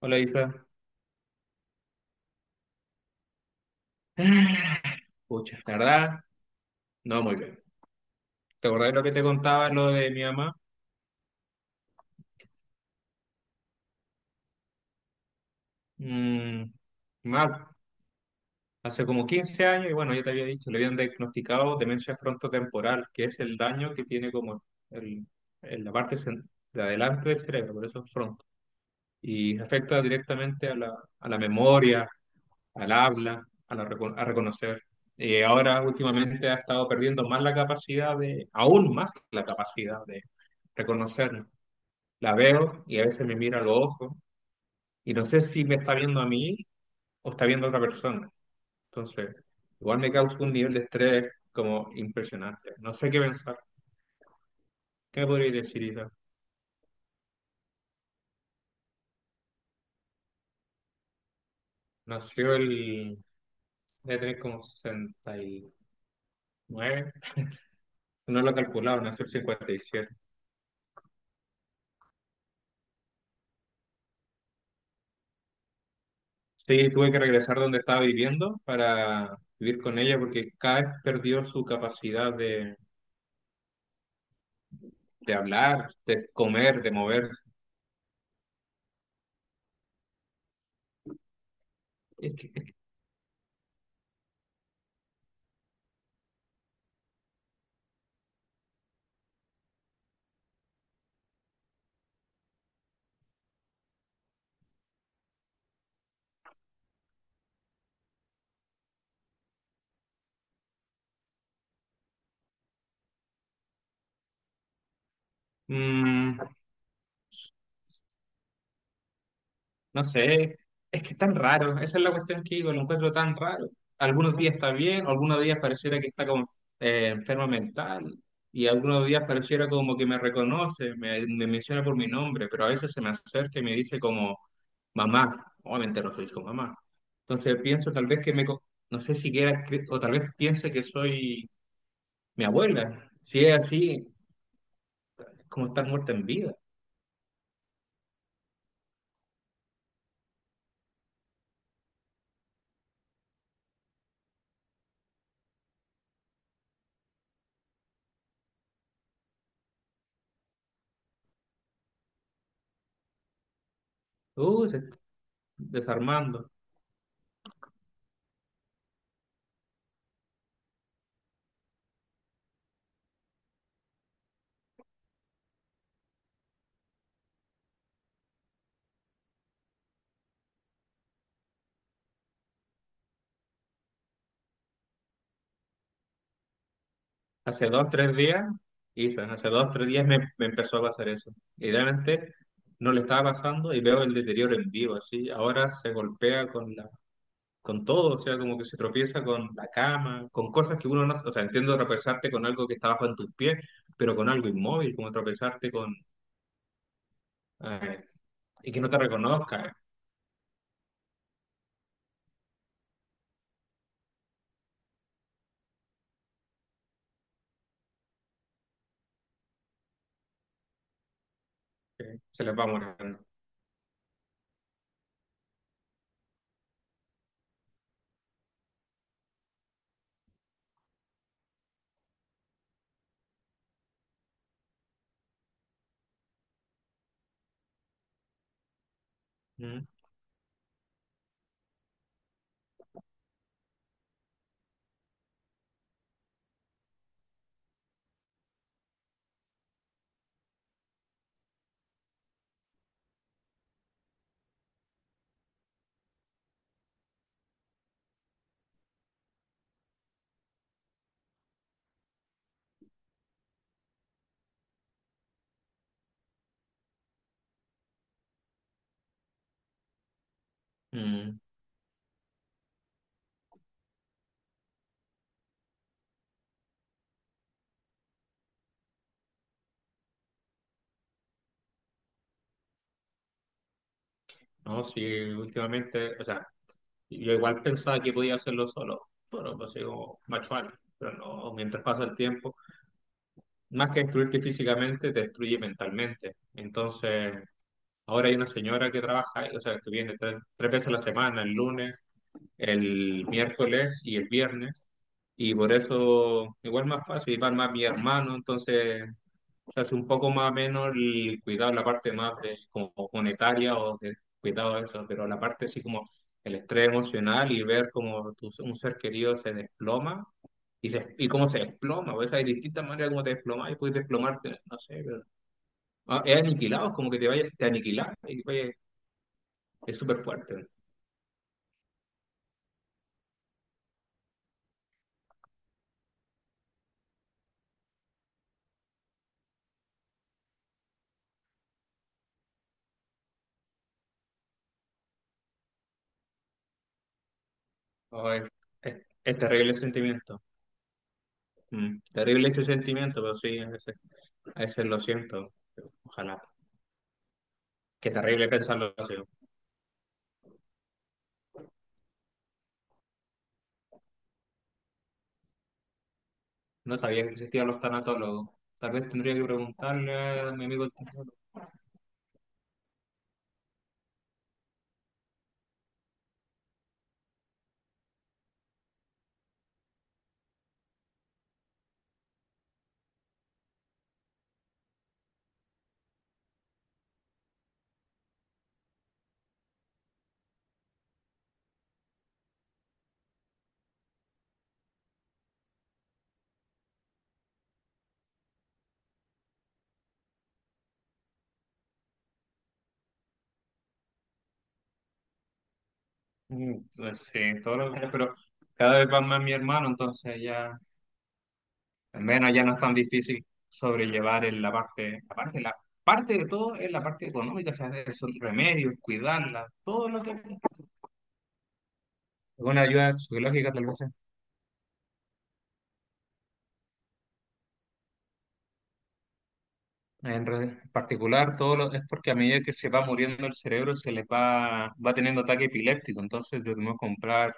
Hola, Isa. Ah, Pucha, la verdad, no muy bien. ¿Te acordás de lo que te contaba, lo de mi mamá? Mm, Mal. Hace como 15 años, y bueno, ya te había dicho, le habían diagnosticado demencia frontotemporal, que es el daño que tiene como el, el- la parte cen- de adelante del cerebro, por eso es fronto. Y afecta directamente a la memoria, al habla, a reconocer. Y ahora últimamente ha estado perdiendo más aún más la capacidad de reconocer. La veo y a veces me mira a los ojos y no sé si me está viendo a mí o está viendo a otra persona. Entonces, igual me causa un nivel de estrés como impresionante. No sé qué pensar. ¿Qué me podrías decir, Isa? Nació el... de tener como 69. No lo he calculado, nació el 57. Sí, tuve que regresar donde estaba viviendo para vivir con ella porque cada vez perdió su capacidad de hablar, de comer, de moverse. Es que, es que- Mm, No sé, es que es tan raro, esa es la cuestión que digo, lo encuentro tan raro. Algunos días está bien, algunos días pareciera que está como enferma mental, y algunos días pareciera como que me reconoce, me menciona por mi nombre, pero a veces se me acerca y me dice como mamá. Obviamente no soy su mamá. Entonces pienso tal vez que no sé siquiera, o tal vez piense que soy mi abuela. Si es así, es como estar muerta en vida. Se está desarmando. Hace dos, tres días hizo, ¿no? Hace dos, tres días me empezó a pasar eso. Y realmente no le estaba pasando y veo el deterioro en vivo, así. Ahora se golpea con todo, o sea, como que se tropieza con la cama, con cosas que uno no, o sea, entiendo tropezarte con algo que está bajo en tus pies, pero con algo inmóvil, como tropezarte con, eh, y que no te reconozca, se les va muriendo. Mm, mm. No, sí, últimamente, o sea, yo igual pensaba que podía hacerlo solo, bueno, pues digo, macho alfa, pero no, mientras pasa el tiempo, más que destruirte físicamente, te destruye mentalmente. Entonces, ahora hay una señora que trabaja, o sea, que viene tres veces a la semana, el lunes, el miércoles y el viernes, y por eso igual más fácil, y van más mi hermano, entonces se hace un poco más o menos el cuidado, la parte más de, como monetaria o de cuidado de eso, pero la parte así como el estrés emocional y ver como un ser querido se desploma y, y cómo se desploma, o sea, hay distintas maneras como te desplomas y puedes desplomarte, no sé, pero ah, es aniquilado, es como que te vayas, te aniquilas y es súper fuerte. Ah, es terrible ese sentimiento. Terrible ese sentimiento, pero sí, a veces lo siento, ojalá, qué terrible pensarlo así. No sabía que existían los tanatólogos. Tal vez tendría que preguntarle a mi amigo el tanatólogo. Entonces, sí, todos los años, pero cada vez va más mi hermano, entonces ya, al menos ya no es tan difícil sobrellevar en la parte de todo es la parte económica, o sea, esos remedios, cuidarla, todo lo que... Una ayuda psicológica tal vez en particular, es porque a medida que se va muriendo el cerebro se les va teniendo ataque epiléptico, entonces debemos comprar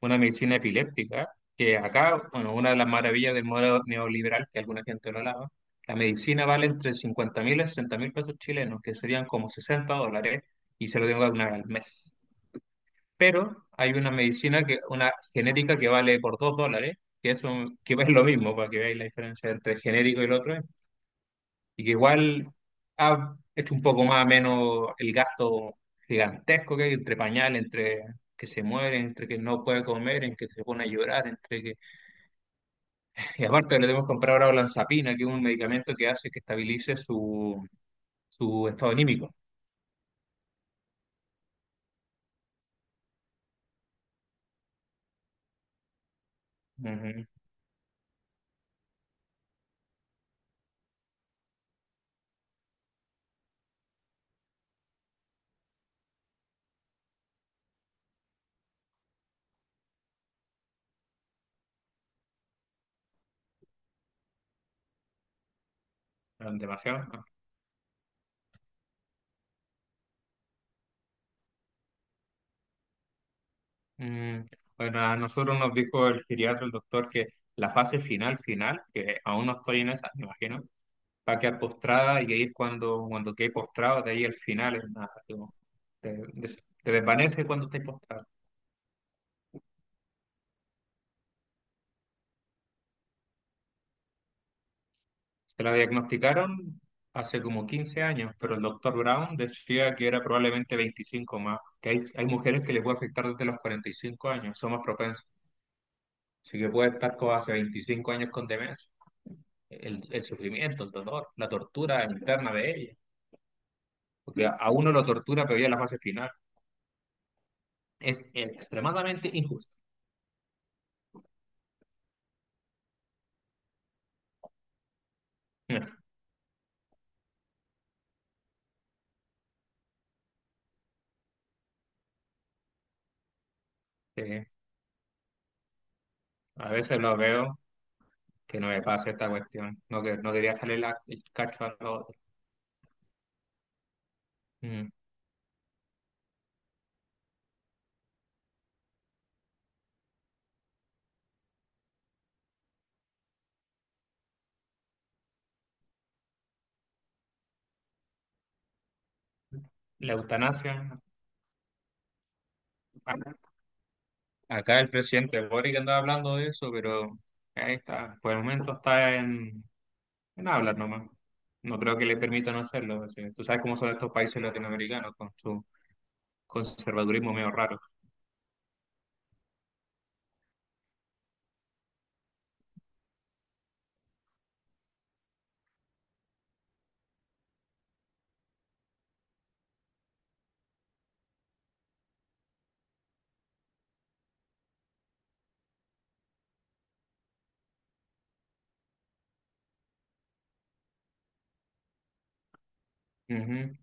una medicina epiléptica, que acá, bueno, una de las maravillas del modelo neoliberal, que alguna gente lo alaba, la medicina vale entre 50 mil a 60 mil pesos chilenos, que serían como $60, y se lo tengo una vez al mes. Pero hay una medicina, una genérica que vale por $2, que es lo mismo, para que veáis la diferencia entre genérico y el otro, es y que igual ha hecho un poco más o menos el gasto gigantesco que hay entre pañales, entre que se muere, entre que no puede comer, entre que se pone a llorar, entre que... Y aparte le debemos comprar ahora olanzapina, que es un medicamento que hace que estabilice su estado anímico. Ujú. Demasiado, ¿no? Mm. Bueno, a nosotros nos dijo el geriatra, el doctor, que la fase final, final, que aún no estoy en esa, me imagino va a quedar postrada y ahí es cuando quede postrado, de ahí al final es nada, como te desvanece cuando estés postrado. Se la diagnosticaron hace como 15 años, pero el doctor Brown decía que era probablemente 25 más, que hay mujeres que les puede afectar desde los 45 años, son más propensas. Así que puede estar como hace 25 años con demencia. El sufrimiento, el dolor, la tortura interna de ella. Porque a uno lo tortura, pero ya en la fase final. Es extremadamente injusto. Sí, a veces lo veo que no me pase esta cuestión. No, no quería salir el cacho mm, la eutanasia. Acá el presidente Boric andaba hablando de eso, pero ahí está. Por el momento está en hablar nomás. No creo que le permitan hacerlo así. Tú sabes cómo son estos países latinoamericanos con su conservadurismo medio raro. Ujú.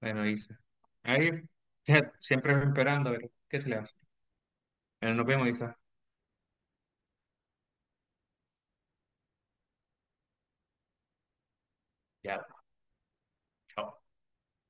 Bueno, Isa. Ahí, siempre esperando, pero ¿qué se le hace? Bueno, nos vemos, Isa. Ya, chao.